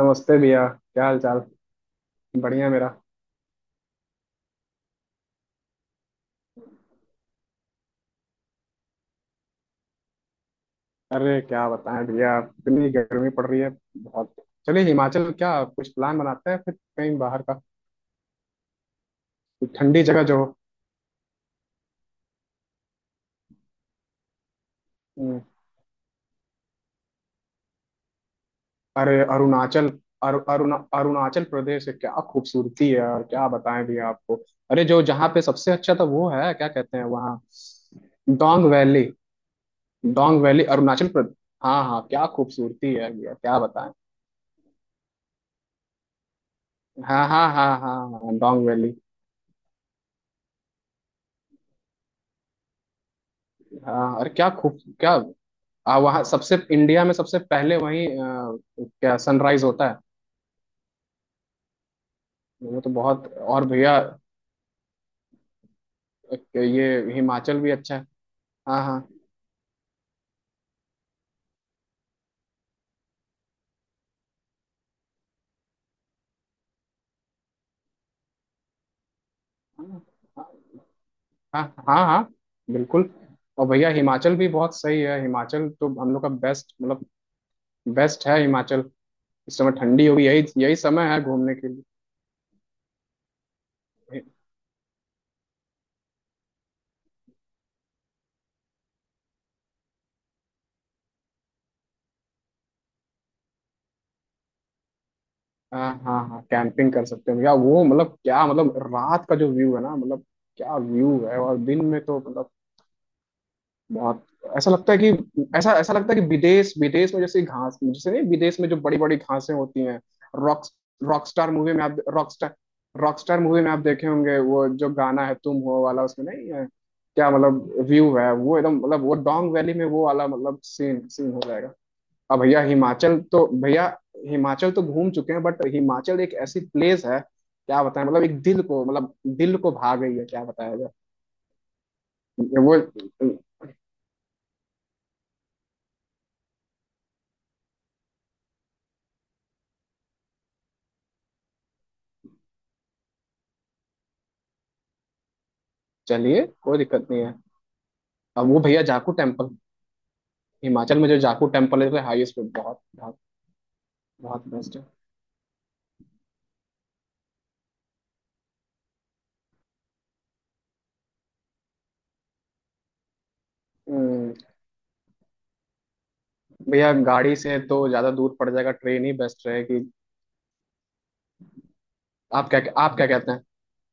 नमस्ते भैया, क्या हाल चाल। बढ़िया मेरा। अरे क्या बताएं भैया, इतनी गर्मी पड़ रही है। बहुत। चलिए हिमाचल क्या कुछ प्लान बनाते हैं फिर कहीं बाहर का। कोई ठंडी जगह जो हो। हम्म, अरे अरुणाचल। अरुणाचल प्रदेश है, क्या खूबसूरती है, और क्या बताएं भैया आपको। अरे जो जहाँ पे सबसे अच्छा था वो है, क्या कहते हैं वहाँ। डोंग वैली। डोंग वैली, अरुणाचल प्रदेश। हाँ हाँ, क्या खूबसूरती है भैया, क्या बताएं। हाँ हाँ हाँ हाँ हाँ, डोंग वैली। हाँ अरे क्या खूब क्या। वहाँ सबसे, इंडिया में सबसे पहले वहीं क्या सनराइज होता है। वो तो बहुत, और भैया ये हिमाचल भी अच्छा है। हाँ हाँ हाँ हाँ हाँ, बिल्कुल। और भैया हिमाचल भी बहुत सही है। हिमाचल तो हम लोग का बेस्ट, मतलब बेस्ट है हिमाचल। इस समय ठंडी होगी, यही यही समय है घूमने के लिए। हाँ हाँ हाँ, कैंपिंग कर सकते हैं भैया, वो मतलब, क्या मतलब रात का जो व्यू है ना, मतलब क्या व्यू है। और दिन में तो मतलब बहुत। ऐसा लगता है कि, ऐसा ऐसा लगता है कि विदेश, विदेश में जैसे घास जैसे नहीं, विदेश में जो बड़ी बड़ी घासें होती हैं। रॉक, रॉकस्टार मूवी में आप, रॉकस्टार, रॉकस्टार मूवी में आप देखे होंगे वो जो गाना है तुम हो वाला, उसमें नहीं है। क्या मतलब व्यू है, वो एकदम मतलब वो डोंग वैली में वो वाला मतलब सीन, सीन हो जाएगा। अब भैया हिमाचल तो भैया, हिमाचल तो घूम चुके हैं, बट हिमाचल एक ऐसी प्लेस है, क्या बताएं मतलब एक दिल को, मतलब दिल को भा गई है, क्या बताया जाए वो। चलिए, कोई दिक्कत नहीं है। अब वो भैया जाकू टेम्पल, हिमाचल में जो जाकू टेम्पल है तो हाईएस्ट पे, बहुत बहुत बहुत बेस्ट है। हम्म, भैया गाड़ी से तो ज्यादा दूर पड़ जाएगा, ट्रेन ही बेस्ट रहेगी। आप क्या, आप क्या कहते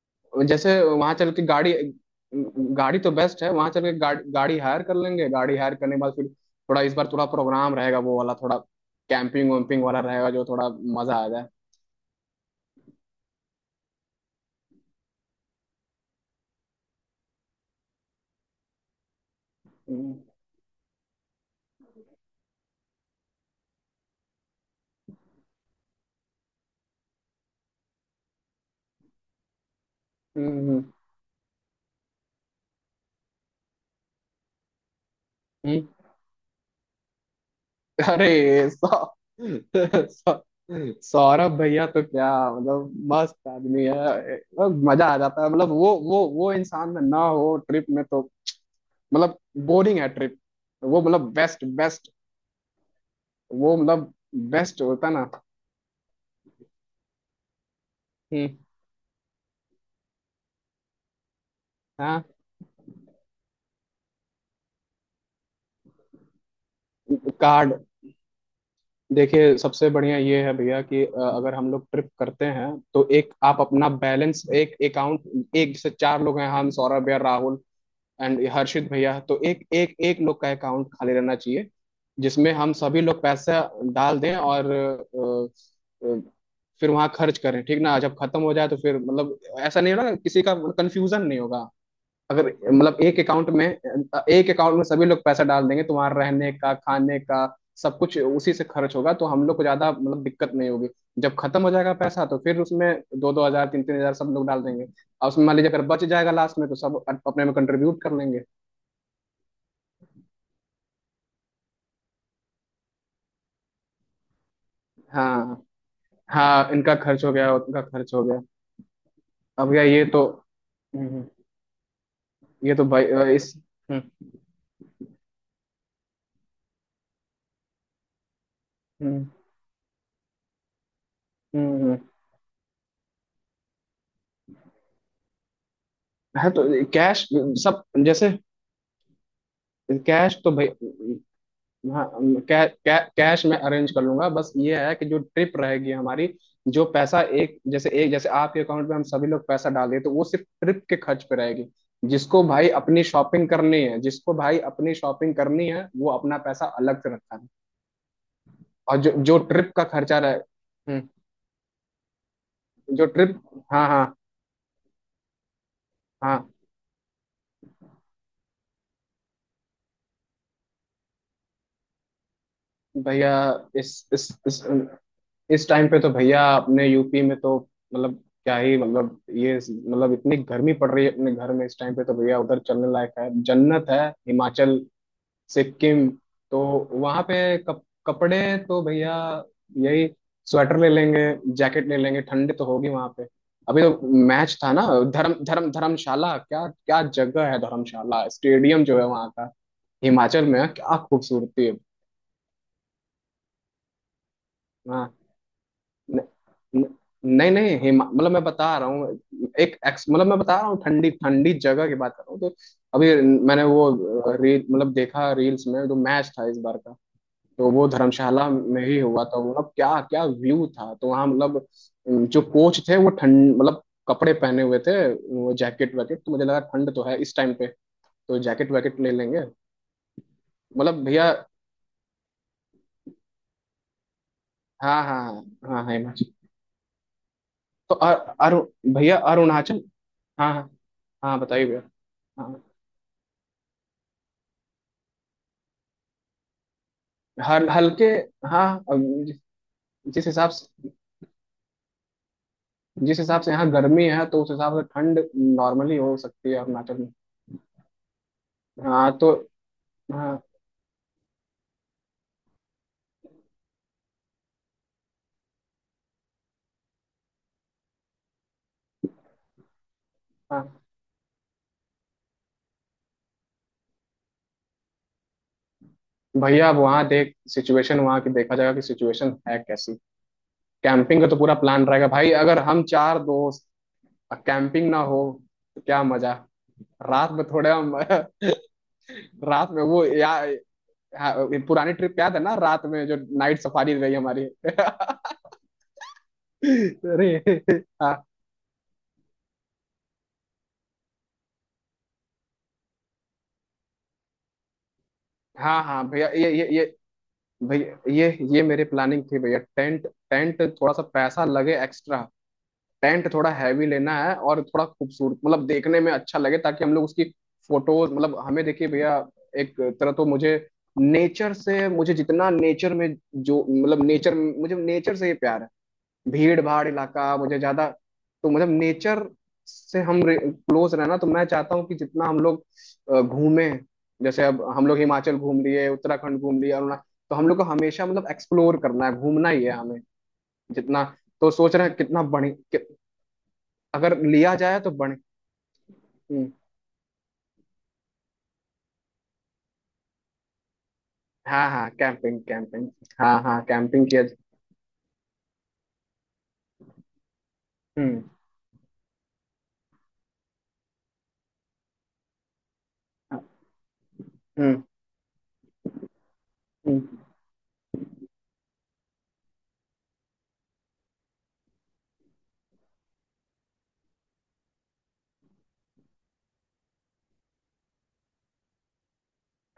हैं जैसे वहां चल के गाड़ी। गाड़ी तो बेस्ट है, वहां चल के गाड़ी, गाड़ी हायर कर लेंगे, गाड़ी हायर करने के बाद फिर थोड़ा, इस बार थोड़ा प्रोग्राम रहेगा वो वाला, थोड़ा कैंपिंग वैम्पिंग वाला रहेगा, जो थोड़ा मजा आ जाए। हम्म हम्म हम्म, अरे सौ सौ- सौरभ भैया तो क्या मतलब मस्त आदमी है, मतलब मजा आ जाता है, मतलब वो इंसान में ना हो ट्रिप में तो मतलब बोरिंग है ट्रिप। वो मतलब बेस्ट बेस्ट, वो मतलब बेस्ट होता है ना। हम्म। हाँ, कार्ड। देखिए सबसे बढ़िया ये है भैया कि अगर हम लोग ट्रिप करते हैं तो एक आप अपना बैलेंस, एक अकाउंट, एक से चार लोग हैं हम, सौरभ भैया, राहुल एंड हर्षित भैया, तो एक एक एक लोग का अकाउंट खाली रहना चाहिए, जिसमें हम सभी लोग पैसा डाल दें, और फिर वहां खर्च करें, ठीक ना। जब खत्म हो जाए तो फिर मतलब ऐसा नहीं होगा ना, किसी का कंफ्यूजन नहीं होगा। अगर मतलब एक अकाउंट में, एक अकाउंट में सभी लोग पैसा डाल देंगे तो वहां रहने का, खाने का सब कुछ उसी से खर्च होगा तो हम लोग को ज्यादा मतलब दिक्कत नहीं होगी। जब खत्म हो जाएगा पैसा तो फिर उसमें दो दो हजार, तीन तीन हजार सब लोग डाल देंगे। और उसमें मान लीजिए अगर बच जाएगा लास्ट में तो सब अपने में कंट्रीब्यूट कर लेंगे। हाँ हाँ, इनका खर्च हो गया, उनका खर्च हो गया। अब क्या ये तो, हम्म, ये तो भाई इस। हम्म हम्म हम्म, हाँ तो कैश, सब जैसे, कैश तो भाई, हाँ कै, कै, कैश मैं अरेंज कर लूंगा। बस ये है कि जो ट्रिप रहेगी हमारी, जो पैसा एक जैसे, एक जैसे आपके अकाउंट में हम सभी लोग पैसा डाल दें तो वो सिर्फ ट्रिप के खर्च पे रहेगी। जिसको भाई अपनी शॉपिंग करनी है, जिसको भाई अपनी शॉपिंग करनी है वो अपना पैसा अलग से रखता है। और जो जो ट्रिप का खर्चा रहे। जो ट्रिप। हाँ हाँ हाँ भैया, इस इस इस इस टाइम पे तो भैया अपने यूपी में तो, मतलब क्या ही मतलब, ये मतलब इतनी गर्मी पड़ रही है अपने घर में इस टाइम पे, तो भैया उधर चलने लायक है, जन्नत है हिमाचल सिक्किम। तो वहाँ पे कपड़े तो भैया यही, स्वेटर ले लेंगे, जैकेट ले लेंगे, ठंड तो होगी वहाँ पे। अभी तो मैच था ना, धर्म धर्म धर्मशाला, क्या क्या जगह है, धर्मशाला स्टेडियम जो है वहाँ का। हिमाचल में क्या खूबसूरती है। हाँ, न, न, नहीं नहीं, हिमा मतलब मैं बता रहा हूँ, एक एक्स मतलब मैं बता रहा हूँ ठंडी ठंडी जगह की बात कर रहा हूँ। तो अभी मैंने वो रील, मतलब देखा रील्स में, जो मैच था इस बार का, तो वो धर्मशाला में ही हुआ था, मतलब क्या क्या व्यू था। तो वहाँ मतलब जो कोच थे वो ठंड, मतलब कपड़े पहने हुए थे, वो जैकेट वैकेट, तो मुझे लगा ठंड तो है इस टाइम पे, तो जैकेट वैकेट ले लेंगे। मतलब भैया, हाँ हाँ हाँ हाँ, हिमाचल तो भैया अरुणाचल। हाँ हाँ हाँ, बताइए भैया। हाँ, हल हल्के। हाँ, अब जिस, जिस हिसाब से जिस हिसाब से यहाँ गर्मी है तो उस हिसाब से ठंड नॉर्मली हो सकती है अरुणाचल में। हाँ तो, हाँ हाँ भैया, अब वहाँ देख, सिचुएशन वहाँ की देखा जाएगा कि सिचुएशन है कैसी। कैंपिंग का तो पूरा प्लान रहेगा भाई, अगर हम चार दोस्त कैंपिंग ना हो तो क्या मजा। रात में थोड़ा हम रात में वो या। हाँ, ये पुरानी ट्रिप याद है ना, रात में जो नाइट सफारी रही हमारी अरे, हाँ हाँ हाँ भैया, ये भैया, ये मेरे प्लानिंग थी भैया, टेंट, टेंट थोड़ा सा पैसा लगे एक्स्ट्रा, टेंट थोड़ा हैवी लेना है, और थोड़ा खूबसूरत मतलब देखने में अच्छा लगे, ताकि हम लोग उसकी फोटोज मतलब, हमें देखिए भैया, एक तरह तो मुझे नेचर से, मुझे जितना नेचर में जो मतलब नेचर, मुझे नेचर से ही प्यार है। भीड़ भाड़ इलाका मुझे ज्यादा, तो मतलब नेचर से हम क्लोज रहना, तो मैं चाहता हूँ कि जितना हम लोग घूमें, जैसे अब हम लोग हिमाचल घूम लिए, उत्तराखंड घूम लिए, अरुणा, तो हम लोग को हमेशा मतलब एक्सप्लोर करना है, घूमना ही है हमें जितना। तो सोच रहे हैं कितना बढ़िया कि, अगर लिया जाए तो बढ़। हम्म, हाँ हाँ कैंपिंग कैंपिंग, हाँ हाँ कैंपिंग किया जा-। हम्म। हाँ, हम्म हम्म।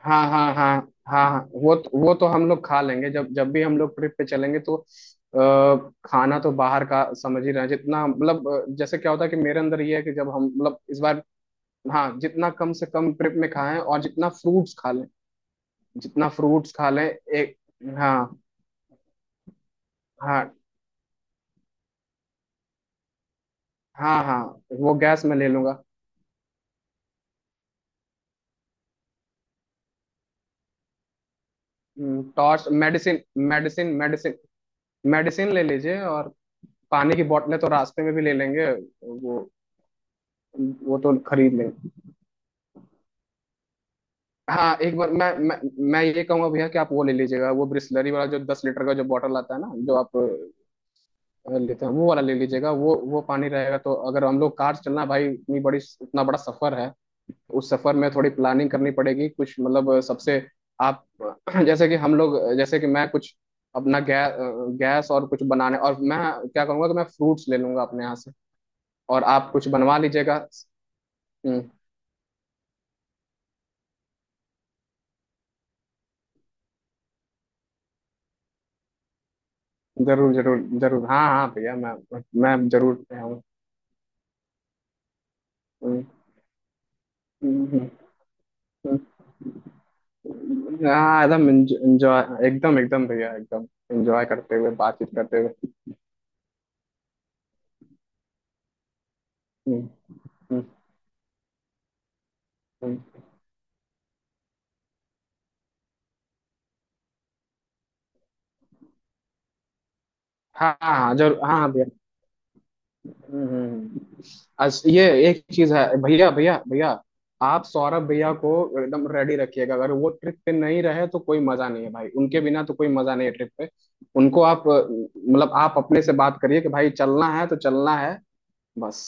हाँ हाँ हाँ हाँ, हाँ वो तो, वो तो हम लोग खा लेंगे, जब जब भी हम लोग ट्रिप पे चलेंगे तो। आ, खाना तो बाहर का समझ ही रहे हैं, जितना मतलब जैसे क्या होता है कि मेरे अंदर ये है कि जब हम मतलब इस बार। हाँ, जितना कम से कम ट्रिप में खाएं, और जितना फ्रूट्स खा लें, जितना फ्रूट्स खा लें एक। हाँ हाँ हाँ हाँ, वो गैस में ले लूंगा। Torch, medicine, medicine, medicine medicine ले लीजिए, और पानी की बोतलें तो रास्ते में भी ले लेंगे वो वो तो खरीद लेंगे। हाँ एक बार, मैं ये कहूंगा भैया कि आप वो ले लीजिएगा, वो ब्रिसलरी वाला जो 10 लीटर का जो बॉटल आता है ना, जो आप लेते हैं वो वाला ले लीजिएगा, वो पानी रहेगा तो, अगर हम लोग कार से चलना भाई, इतनी बड़ी, इतना बड़ा सफर है, उस सफर में थोड़ी प्लानिंग करनी पड़ेगी, कुछ मतलब सबसे आप जैसे कि हम लोग, जैसे कि मैं कुछ अपना गैस और कुछ बनाने, और मैं क्या करूंगा कि मैं फ्रूट्स ले लूंगा अपने यहाँ से, और आप कुछ बनवा लीजिएगा। हम्म, जरूर जरूर जरूर, हाँ हाँ भैया, मैं जरूर आऊँ। हम्म, हम्म। हाँ एकदम एंजॉय, एकदम एकदम भैया, एकदम एंजॉय करते हुए बातचीत करते हुए। हम्म, हम्म, हम्म। हाँ हाँ हाँ, जरूर हाँ हाँ भैया। हम्म, हम्म। अस ये एक चीज है भैया भैया भैया, आप सौरभ भैया को एकदम रेडी रखिएगा, अगर वो ट्रिप पे नहीं रहे तो कोई मजा नहीं है भाई, उनके बिना तो कोई मजा नहीं है ट्रिप पे। उनको आप मतलब आप अपने से बात करिए कि भाई चलना है तो चलना है बस।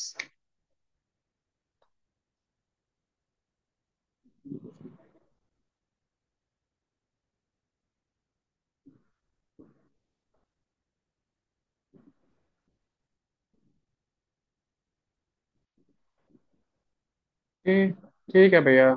ठीक, ठीक है भैया।